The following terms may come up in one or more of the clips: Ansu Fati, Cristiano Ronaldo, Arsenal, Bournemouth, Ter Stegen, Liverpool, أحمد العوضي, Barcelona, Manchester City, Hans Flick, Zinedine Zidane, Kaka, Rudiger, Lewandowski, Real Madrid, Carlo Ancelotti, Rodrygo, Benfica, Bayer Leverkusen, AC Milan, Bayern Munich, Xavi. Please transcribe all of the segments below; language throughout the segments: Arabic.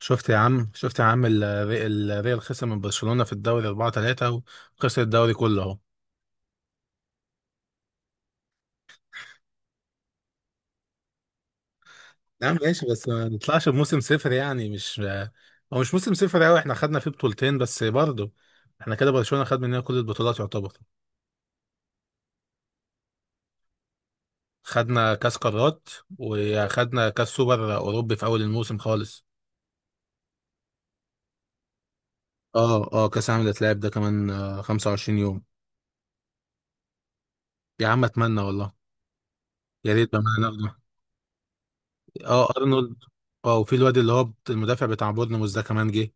شفت يا عم، الريال خسر من برشلونة في الدوري 4-3. وخسر الدوري كله اهو. نعم ماشي، بس ما نطلعش بموسم صفر يعني مش، هو مش موسم صفر قوي، احنا خدنا فيه بطولتين بس برضه. احنا كده برشلونة خد مننا كل البطولات يعتبر. خدنا كاس قارات وخدنا كاس سوبر اوروبي في اول الموسم خالص. اه اه، كاس عالم الاتلعاب ده كمان 25 يوم. يا عم اتمنى والله، يا ريت بقى ناخده. اه ارنولد. اه، وفي الواد اللي هو المدافع بتاع بورنموث ده كمان جه.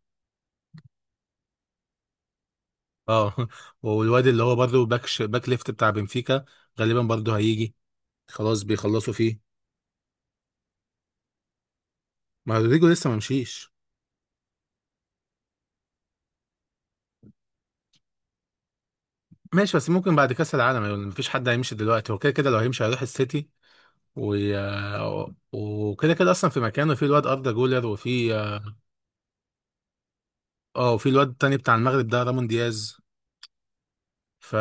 اه والواد اللي هو برضه باك باك ليفت بتاع بنفيكا، غالبا برضه هيجي، خلاص بيخلصوا فيه. ما رودريجو لسه ما مشيش. ماشي بس ممكن بعد كاس العالم يعني، مفيش حد هيمشي دلوقتي، هو كده كده لو هيمشي هيروح السيتي. و... وكده كده اصلا في مكانه في الواد اردا جولر، وفي اه، وفي الواد التاني بتاع المغرب ده، رامون دياز. ف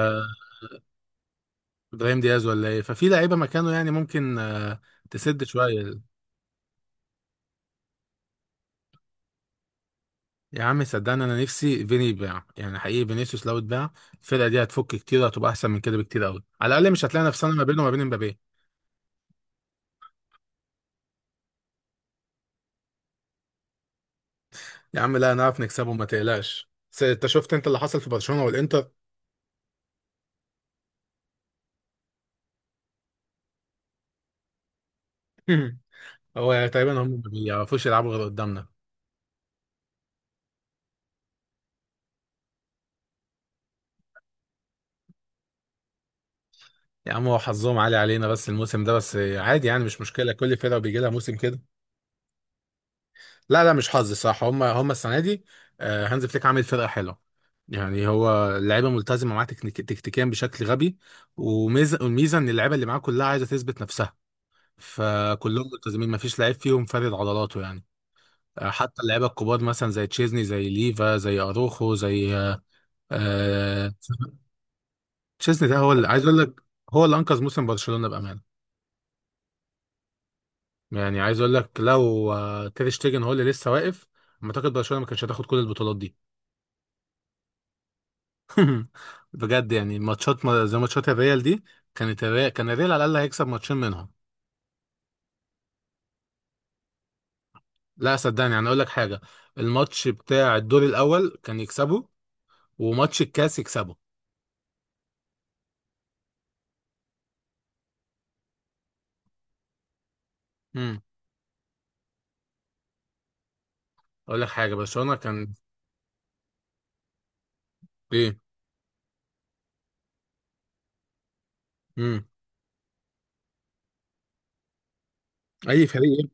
ابراهيم دياز ولا ايه؟ ففي لعيبه مكانه يعني، ممكن تسد شويه. يا عم صدقني انا نفسي فيني يباع، يعني حقيقي فينيسيوس لو اتباع الفرقه دي هتفك كتير، وهتبقى احسن من كده بكتير قوي. على الاقل مش هتلاقي نفسنا ما بينه وما بين مبابي. يا عم لا نعرف نكسبه، ما تقلقش. بس انت شفت انت اللي حصل في برشلونه والانتر. هو يعني تقريبا هم ما بيعرفوش يلعبوا غير قدامنا. يا عم هو حظهم عالي علينا بس الموسم ده بس، عادي يعني، مش مشكله، كل فرقه بيجي لها موسم كده. لا لا، مش حظ، صح، هم هم السنه دي هانز فليك عامل فرقه حلوه. يعني هو اللعيبه ملتزمه معاه تكنيك تكتيكيا بشكل غبي. وميزه والميزه ان اللعيبه اللي معاه كلها عايزه تثبت نفسها، فكلهم ملتزمين، ما فيش لعيب فيهم فارد عضلاته يعني. حتى اللعيبه الكبار مثلا زي تشيزني، زي ليفا، زي اروخو، زي آه، تشيزني ده هو اللي عايز اقول لك، هو اللي انقذ موسم برشلونه بامانه. يعني عايز اقول لك لو تير شتيجن هو اللي لسه واقف، أنا اعتقد برشلونه ما كانش هتاخد كل البطولات دي. بجد يعني، ماتشات زي ماتشات الريال دي، كان الريال على الاقل هيكسب ماتشين منهم. لا صدقني، يعني اقول لك حاجه، الماتش بتاع الدور الاول كان يكسبه، وماتش الكاس يكسبه. امم، اقول لك حاجه، برشلونه كان ايه. امم، اي فريق.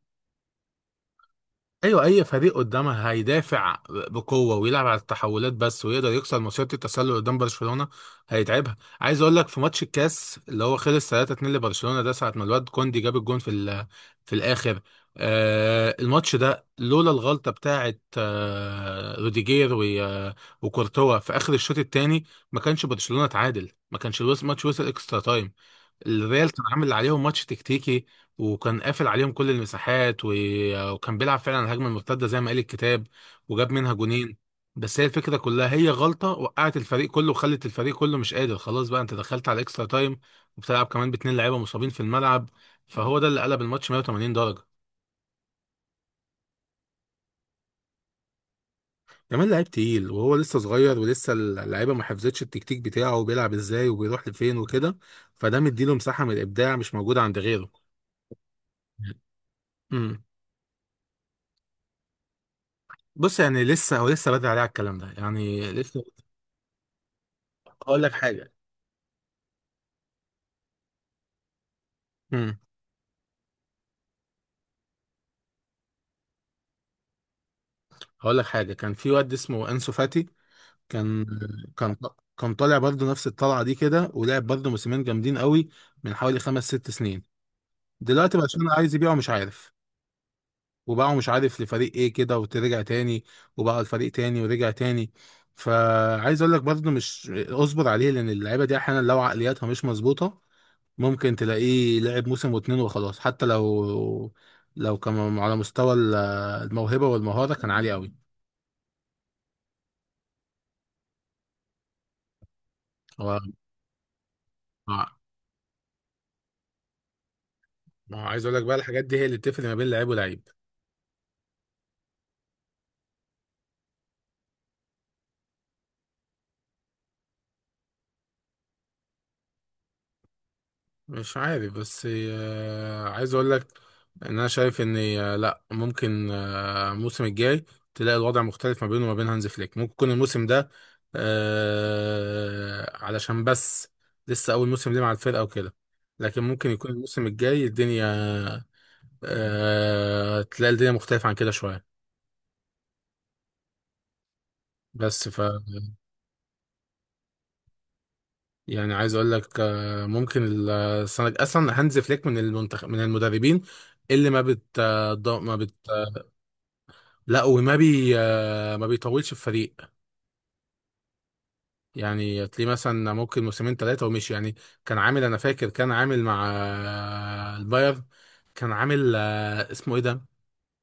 ايوه، اي فريق قدامها هيدافع بقوه ويلعب على التحولات بس، ويقدر يكسر مصيده التسلل قدام برشلونه هيتعبها. عايز اقول لك في ماتش الكاس اللي هو خلص 3-2 لبرشلونه ده، ساعه ما الواد كوندي جاب الجون في الاخر، آه الماتش ده لولا الغلطه بتاعه روديجير وكورتوا في اخر الشوط الثاني، ما كانش برشلونه اتعادل، ما كانش الماتش وصل اكسترا تايم. الريال كان عامل عليهم ماتش تكتيكي، وكان قافل عليهم كل المساحات، وكان بيلعب فعلا على الهجمه المرتده زي ما قال الكتاب، وجاب منها جونين. بس هي الفكره كلها هي غلطه وقعت الفريق كله، وخلت الفريق كله مش قادر، خلاص بقى انت دخلت على الاكسترا تايم وبتلعب كمان باتنين لعيبه مصابين في الملعب، فهو ده اللي قلب الماتش 180 درجه. كمان لعيب تقيل وهو لسه صغير، ولسه اللعيبه ما حفظتش التكتيك بتاعه وبيلعب ازاي وبيروح لفين وكده، فده مديله مساحه من الابداع مش موجوده عند غيره. امم. بص يعني لسه هو لسه بدري عليه على الكلام ده يعني لسه. هقول لك حاجه. امم. هقول لك حاجه، كان في واد اسمه انسو فاتي، كان كان كان طالع برضه نفس الطلعه دي كده، ولعب برضه موسمين جامدين قوي من حوالي خمس ست سنين. دلوقتي بقى عشان عايز يبيعه مش عارف، وباعه مش عارف لفريق ايه كده وترجع تاني، وباعه الفريق تاني ورجع تاني. فعايز اقول لك برضه، مش اصبر عليه، لان اللعيبه دي احيانا لو عقلياتها مش مظبوطه، ممكن تلاقيه لعب موسم واتنين وخلاص، حتى لو، لو كان على مستوى الموهبة والمهارة كان عالي قوي. هو ما ما عايز اقول لك بقى، الحاجات دي هي اللي بتفرق ما بين لعيب ولعيب. مش عارف بس عايز اقول لك ان انا شايف ان لا، ممكن الموسم الجاي تلاقي الوضع مختلف ما بينه وما بين هانز فليك. ممكن يكون الموسم ده علشان بس لسه اول موسم ليه مع الفرقة وكده. لكن ممكن يكون الموسم الجاي الدنيا تلاقي الدنيا مختلفة عن كده شوية. بس ف يعني عايز اقول لك ممكن، السنة اصلا هانز فليك من المنتخب، من المدربين اللي ما بت آه، ض- ما بت آه، لا، وما بي آه، ما بيطولش في فريق. يعني تلاقيه مثلا ممكن موسمين ثلاثة ومشي يعني. كان عامل، انا فاكر كان عامل مع البايرن، كان عامل اسمه ايه ده،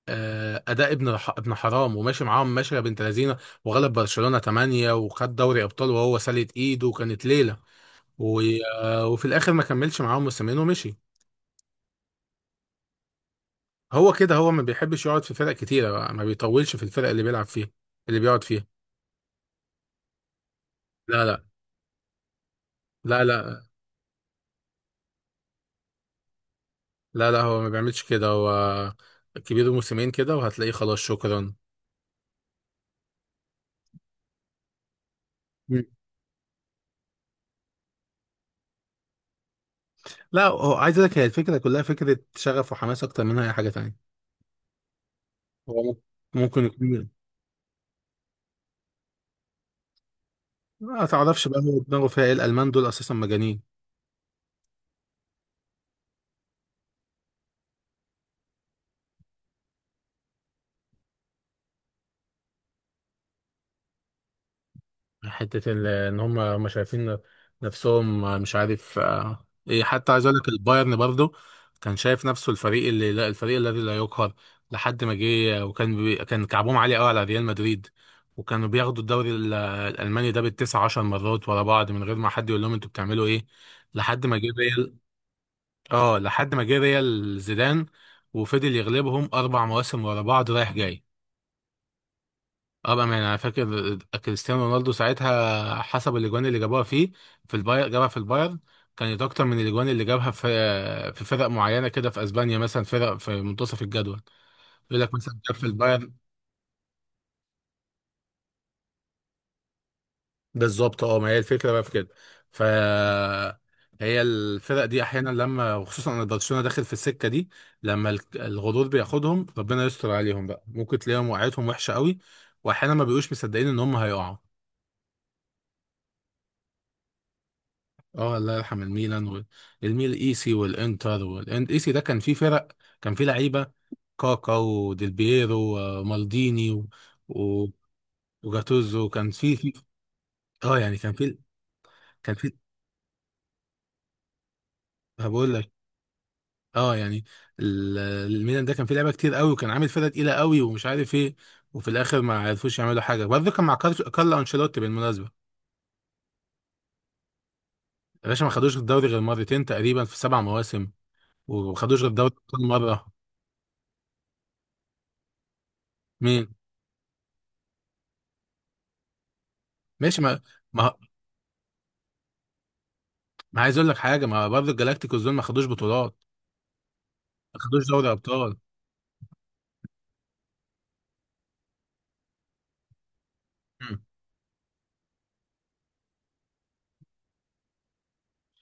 اداء ابن ابن حرام، وماشي معاهم ماشيه بنت لذينه، وغلب برشلونه 8، وخد دوري ابطال، وهو سالت ايده وكانت ليله و- وفي الاخر ما كملش معاهم موسمين ومشي. هو كده، هو ما بيحبش يقعد في فرق كتيره بقى، ما بيطولش في الفرق اللي بيلعب فيها، اللي بيقعد فيها. لا لا لا لا لا لا، هو ما بيعملش كده، هو كبير موسمين كده وهتلاقيه خلاص شكرا. مم. لا، هو عايز اقول لك هي الفكره كلها فكره شغف وحماس اكتر منها اي حاجه تانية. هو ممكن يكون، ما تعرفش بقى هو دماغه فيها ايه، الالمان دول اساسا مجانين. حتة ان هم شايفين نفسهم مش عارف ايه. حتى عايز اقول لك البايرن برضه كان شايف نفسه الفريق اللي لا، الفريق الذي لا يقهر، لحد ما جه، وكان بي، كان كعبهم عالي قوي على ريال مدريد، وكانوا بياخدوا الدوري الالماني ده بالتسع عشر مرات ورا بعض من غير ما حد يقول لهم انتوا بتعملوا ايه. لحد ما جه ريال، اه لحد ما جه ريال زيدان وفضل يغلبهم اربع مواسم ورا بعض رايح جاي. اه بقى، يعني انا فاكر كريستيانو رونالدو ساعتها حسب الاجوان اللي جابوها فيه في الباير، جابها في الباير كانت اكتر من الاجوان اللي جابها في في فرق معينه كده في اسبانيا، مثلا فرق في منتصف الجدول، يقول لك مثلا جاب في الباير. بالظبط، اه، ما هي الفكره بقى في كده. ف هي الفرق دي احيانا لما، وخصوصا ان برشلونه داخل في السكه دي، لما الغرور بياخدهم، ربنا يستر عليهم بقى، ممكن تلاقيهم وقعتهم وحشه قوي، واحيانا ما بيبقوش مصدقين ان هم هيقعوا. اه الله يرحم الميلان. والميل ايسي، والانتر، والايسي ده كان فيه فرق، كان فيه لعيبه، كاكا، وديل بييرو، ومالديني، و... وجاتوزو، كان فيه، فيه، اه يعني كان فيه. كان فيه، هقول لك، اه يعني ال- الميلان ده كان فيه لعيبه كتير قوي، وكان عامل فرقه تقيله قوي ومش عارف ايه، وفي الاخر ما عرفوش يعملوا حاجه برضه. كان مع كارلو انشيلوتي بالمناسبه. يا باشا ما خدوش الدوري غير مرتين تقريبا في سبع مواسم، وما خدوش غير الدوري كل مره. مين؟ ماشي، ما ما عايز اقول لك حاجه، ما برضه الجلاكتيكوس دول ما خدوش بطولات، ما خدوش دوري ابطال. مم. ما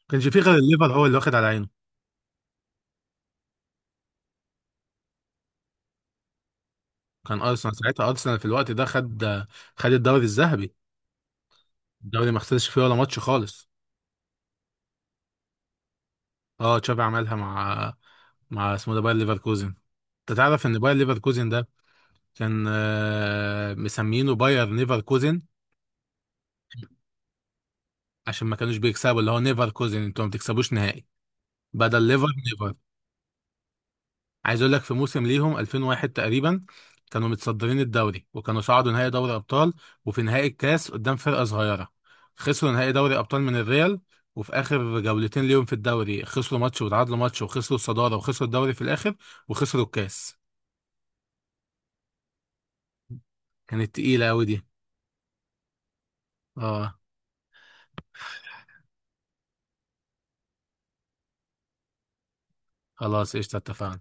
كانش فيه غير الليفر هو اللي واخد على عينه. كان ارسنال ساعتها، ارسنال في الوقت ده خد، خد الدوري الذهبي، الدوري ما خسرش فيه ولا ماتش خالص. اه تشافي عملها مع، مع اسمه ده باير ليفركوزن. انت تعرف ان باير ليفركوزن ده كان مسمينه باير نيفركوزن، عشان ما كانوش بيكسبوا. اللي هو نيفركوزن، انتوا ما بتكسبوش نهائي، بدل ليفر نيفر. عايز اقول لك في موسم ليهم 2001 تقريبا، كانوا متصدرين الدوري، وكانوا صعدوا نهائي دوري ابطال، وفي نهائي الكاس قدام فرقه صغيره. خسروا نهائي دوري ابطال من الريال، وفي اخر جولتين ليهم في الدوري خسروا ماتش وتعادلوا ماتش، وخسروا الصداره وخسروا الدوري في الاخر، وخسروا الكاس. كانت تقيله قوي دي. اه خلاص، قشطه، اتفقنا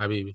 حبيبي.